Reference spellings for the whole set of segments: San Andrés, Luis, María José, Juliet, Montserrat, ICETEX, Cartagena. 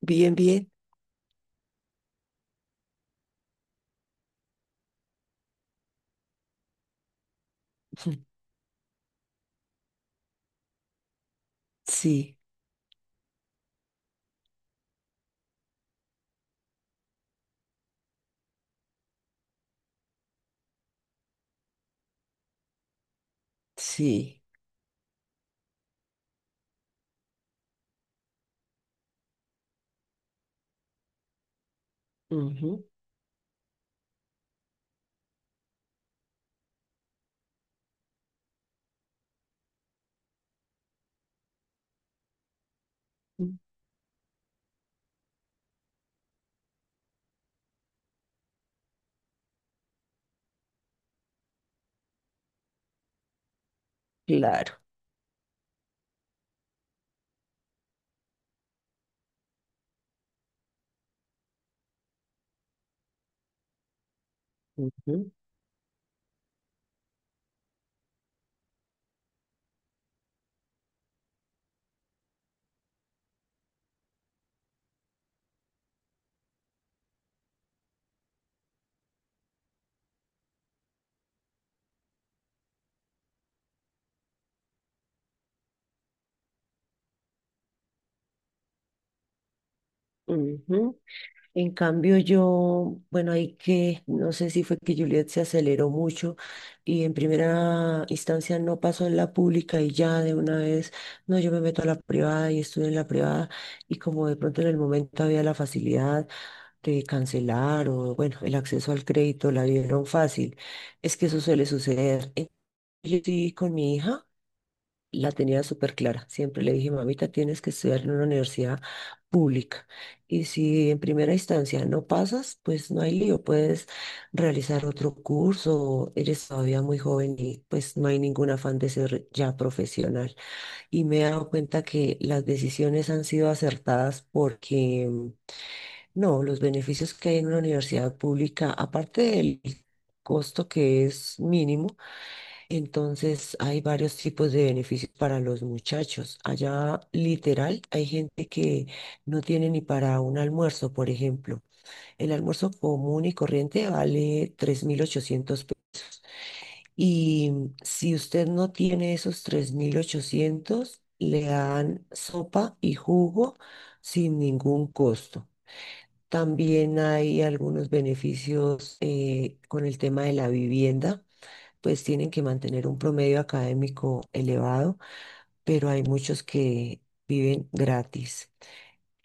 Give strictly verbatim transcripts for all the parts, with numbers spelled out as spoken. Bien, bien. Sí, sí. Ujú. Mm. Claro. Ujú. Ujú. En cambio, yo, bueno, hay que, no sé si fue que Juliet se aceleró mucho y en primera instancia no pasó en la pública y ya de una vez, no, yo me meto a la privada y estudio en la privada y como de pronto en el momento había la facilidad de cancelar o, bueno, el acceso al crédito la vieron fácil. Es que eso suele suceder. Entonces, yo sí, con mi hija. La tenía súper clara. Siempre le dije, mamita, tienes que estudiar en una universidad pública. Y si en primera instancia no pasas, pues no hay lío. Puedes realizar otro curso. Eres todavía muy joven y pues no hay ningún afán de ser ya profesional. Y me he dado cuenta que las decisiones han sido acertadas porque, mm, no, los beneficios que hay en una universidad pública, aparte del costo que es mínimo, entonces hay varios tipos de beneficios para los muchachos. Allá literal hay gente que no tiene ni para un almuerzo, por ejemplo. El almuerzo común y corriente vale tres mil ochocientos pesos. Y si usted no tiene esos tres mil ochocientos le dan sopa y jugo sin ningún costo. También hay algunos beneficios eh, con el tema de la vivienda, pues tienen que mantener un promedio académico elevado, pero hay muchos que viven gratis.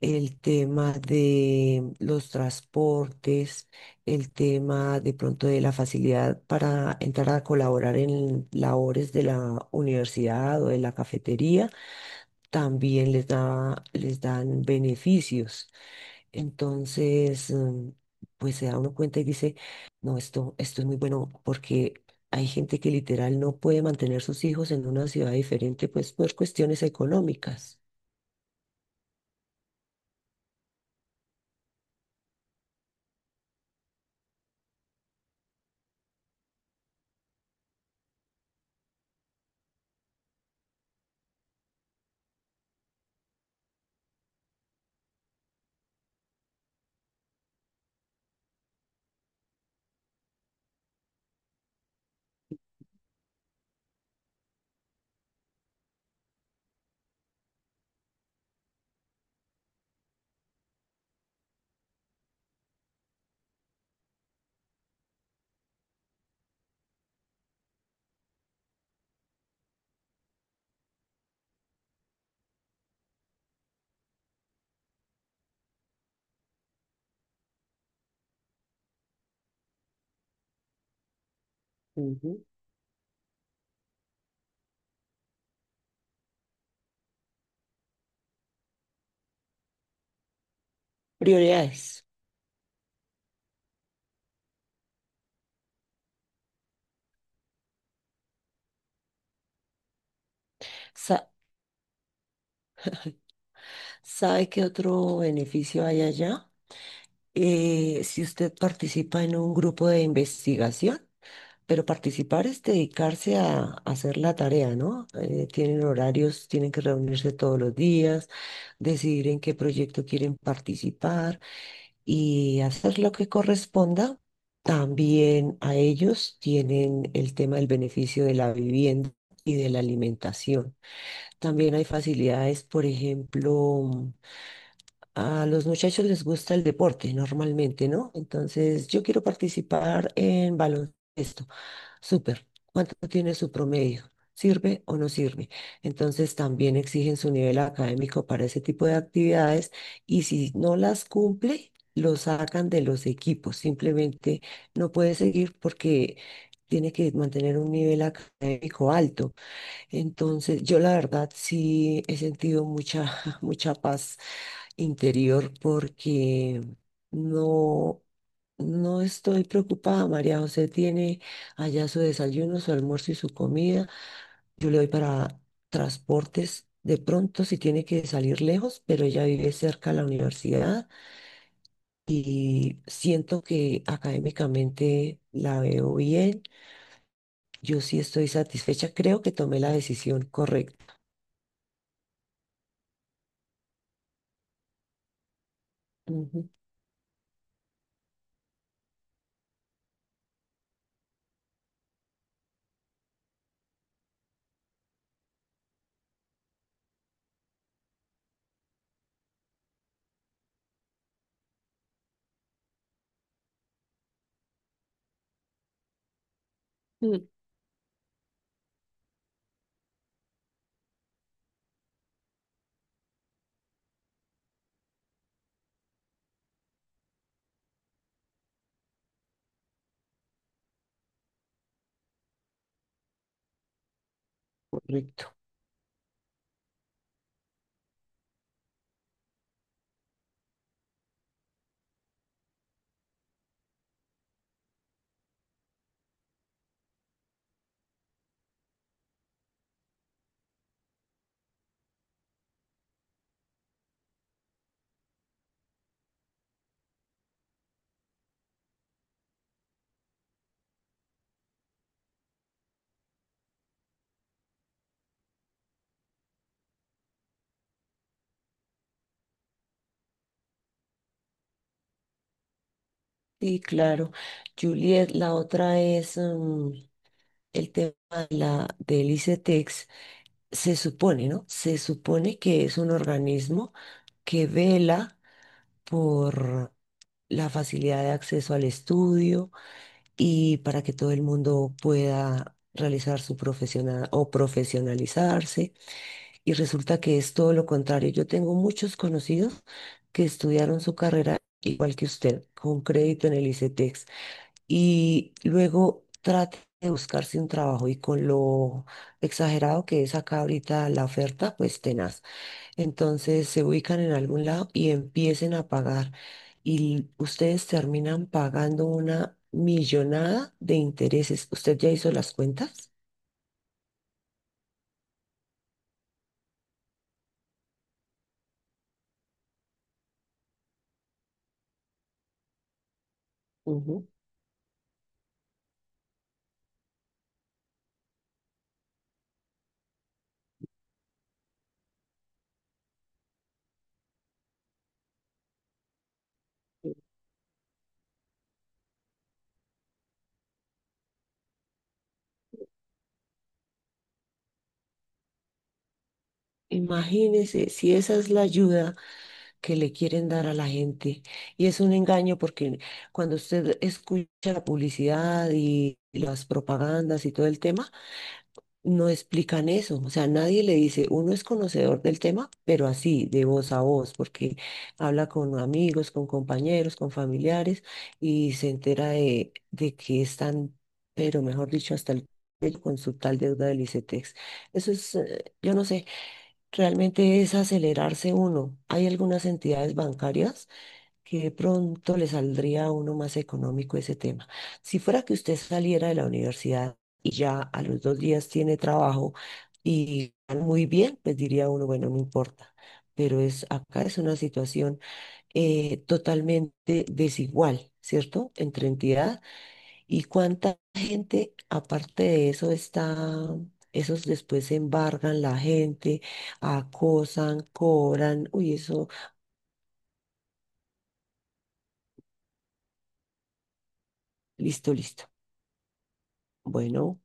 El tema de los transportes, el tema de pronto de la facilidad para entrar a colaborar en labores de la universidad o de la cafetería, también les da, les dan beneficios. Entonces, mm, pues se da uno cuenta y dice, no, esto, esto es muy bueno porque hay gente que literal no puede mantener sus hijos en una ciudad diferente, pues por cuestiones económicas. Ujú. Prioridades. Sa- ¿Sabe qué otro beneficio hay allá? Eh, si usted participa en un grupo de investigación, pero participar es dedicarse a, a hacer la tarea, ¿no? Eh, tienen horarios, tienen que reunirse todos los días, decidir en qué proyecto quieren participar y hacer lo que corresponda. También a ellos tienen el tema del beneficio de la vivienda y de la alimentación. También hay facilidades, por ejemplo, a los muchachos les gusta el deporte normalmente, ¿no? Entonces, yo quiero participar en baloncesto. Súper. ¿Cuánto tiene su promedio? ¿Sirve o no sirve? Entonces también exigen su nivel académico para ese tipo de actividades y, si no las cumple, lo sacan de los equipos. Simplemente no puede seguir porque tiene que mantener un nivel académico alto. Entonces, yo la verdad sí he sentido mucha, mucha paz interior, porque no, no estoy preocupada. María José tiene allá su desayuno, su almuerzo y su comida. Yo le doy para transportes de pronto si tiene que salir lejos, pero ella vive cerca de la universidad y siento que académicamente la veo bien. Yo sí estoy satisfecha. Creo que tomé la decisión correcta. Ujú. Mm. Correcto. Sí, claro. Juliet, la otra es, mm, el tema de la, del ICETEX, se supone, ¿no? Se supone que es un organismo que vela por la facilidad de acceso al estudio y para que todo el mundo pueda realizar su profesional o profesionalizarse. Y resulta que es todo lo contrario. Yo tengo muchos conocidos que estudiaron su carrera igual que usted, con crédito en el ICETEX, y luego trate de buscarse un trabajo y, con lo exagerado que es acá ahorita la oferta, pues tenaz. Entonces se ubican en algún lado y empiecen a pagar y ustedes terminan pagando una millonada de intereses. ¿Usted ya hizo las cuentas? Ujú. Imagínese si esa es la ayuda que le quieren dar a la gente. Y es un engaño porque cuando usted escucha la publicidad y las propagandas y todo el tema, no explican eso, o sea, nadie le dice, uno es conocedor del tema, pero así, de voz a voz, porque habla con amigos, con compañeros, con familiares y se entera de, de que están, pero mejor dicho, hasta el cuello con su tal deuda del ICETEX. Eso es, eh, yo no sé, realmente es acelerarse uno. Hay algunas entidades bancarias que de pronto le saldría a uno más económico ese tema. Si fuera que usted saliera de la universidad y ya a los dos días tiene trabajo y gana muy bien, pues diría uno, bueno, no importa. Pero es, acá es una situación eh, totalmente desigual, ¿cierto? Entre entidad y cuánta gente, aparte de eso, está... Esos después embargan la gente, acosan, cobran, uy, eso, listo, listo. Bueno.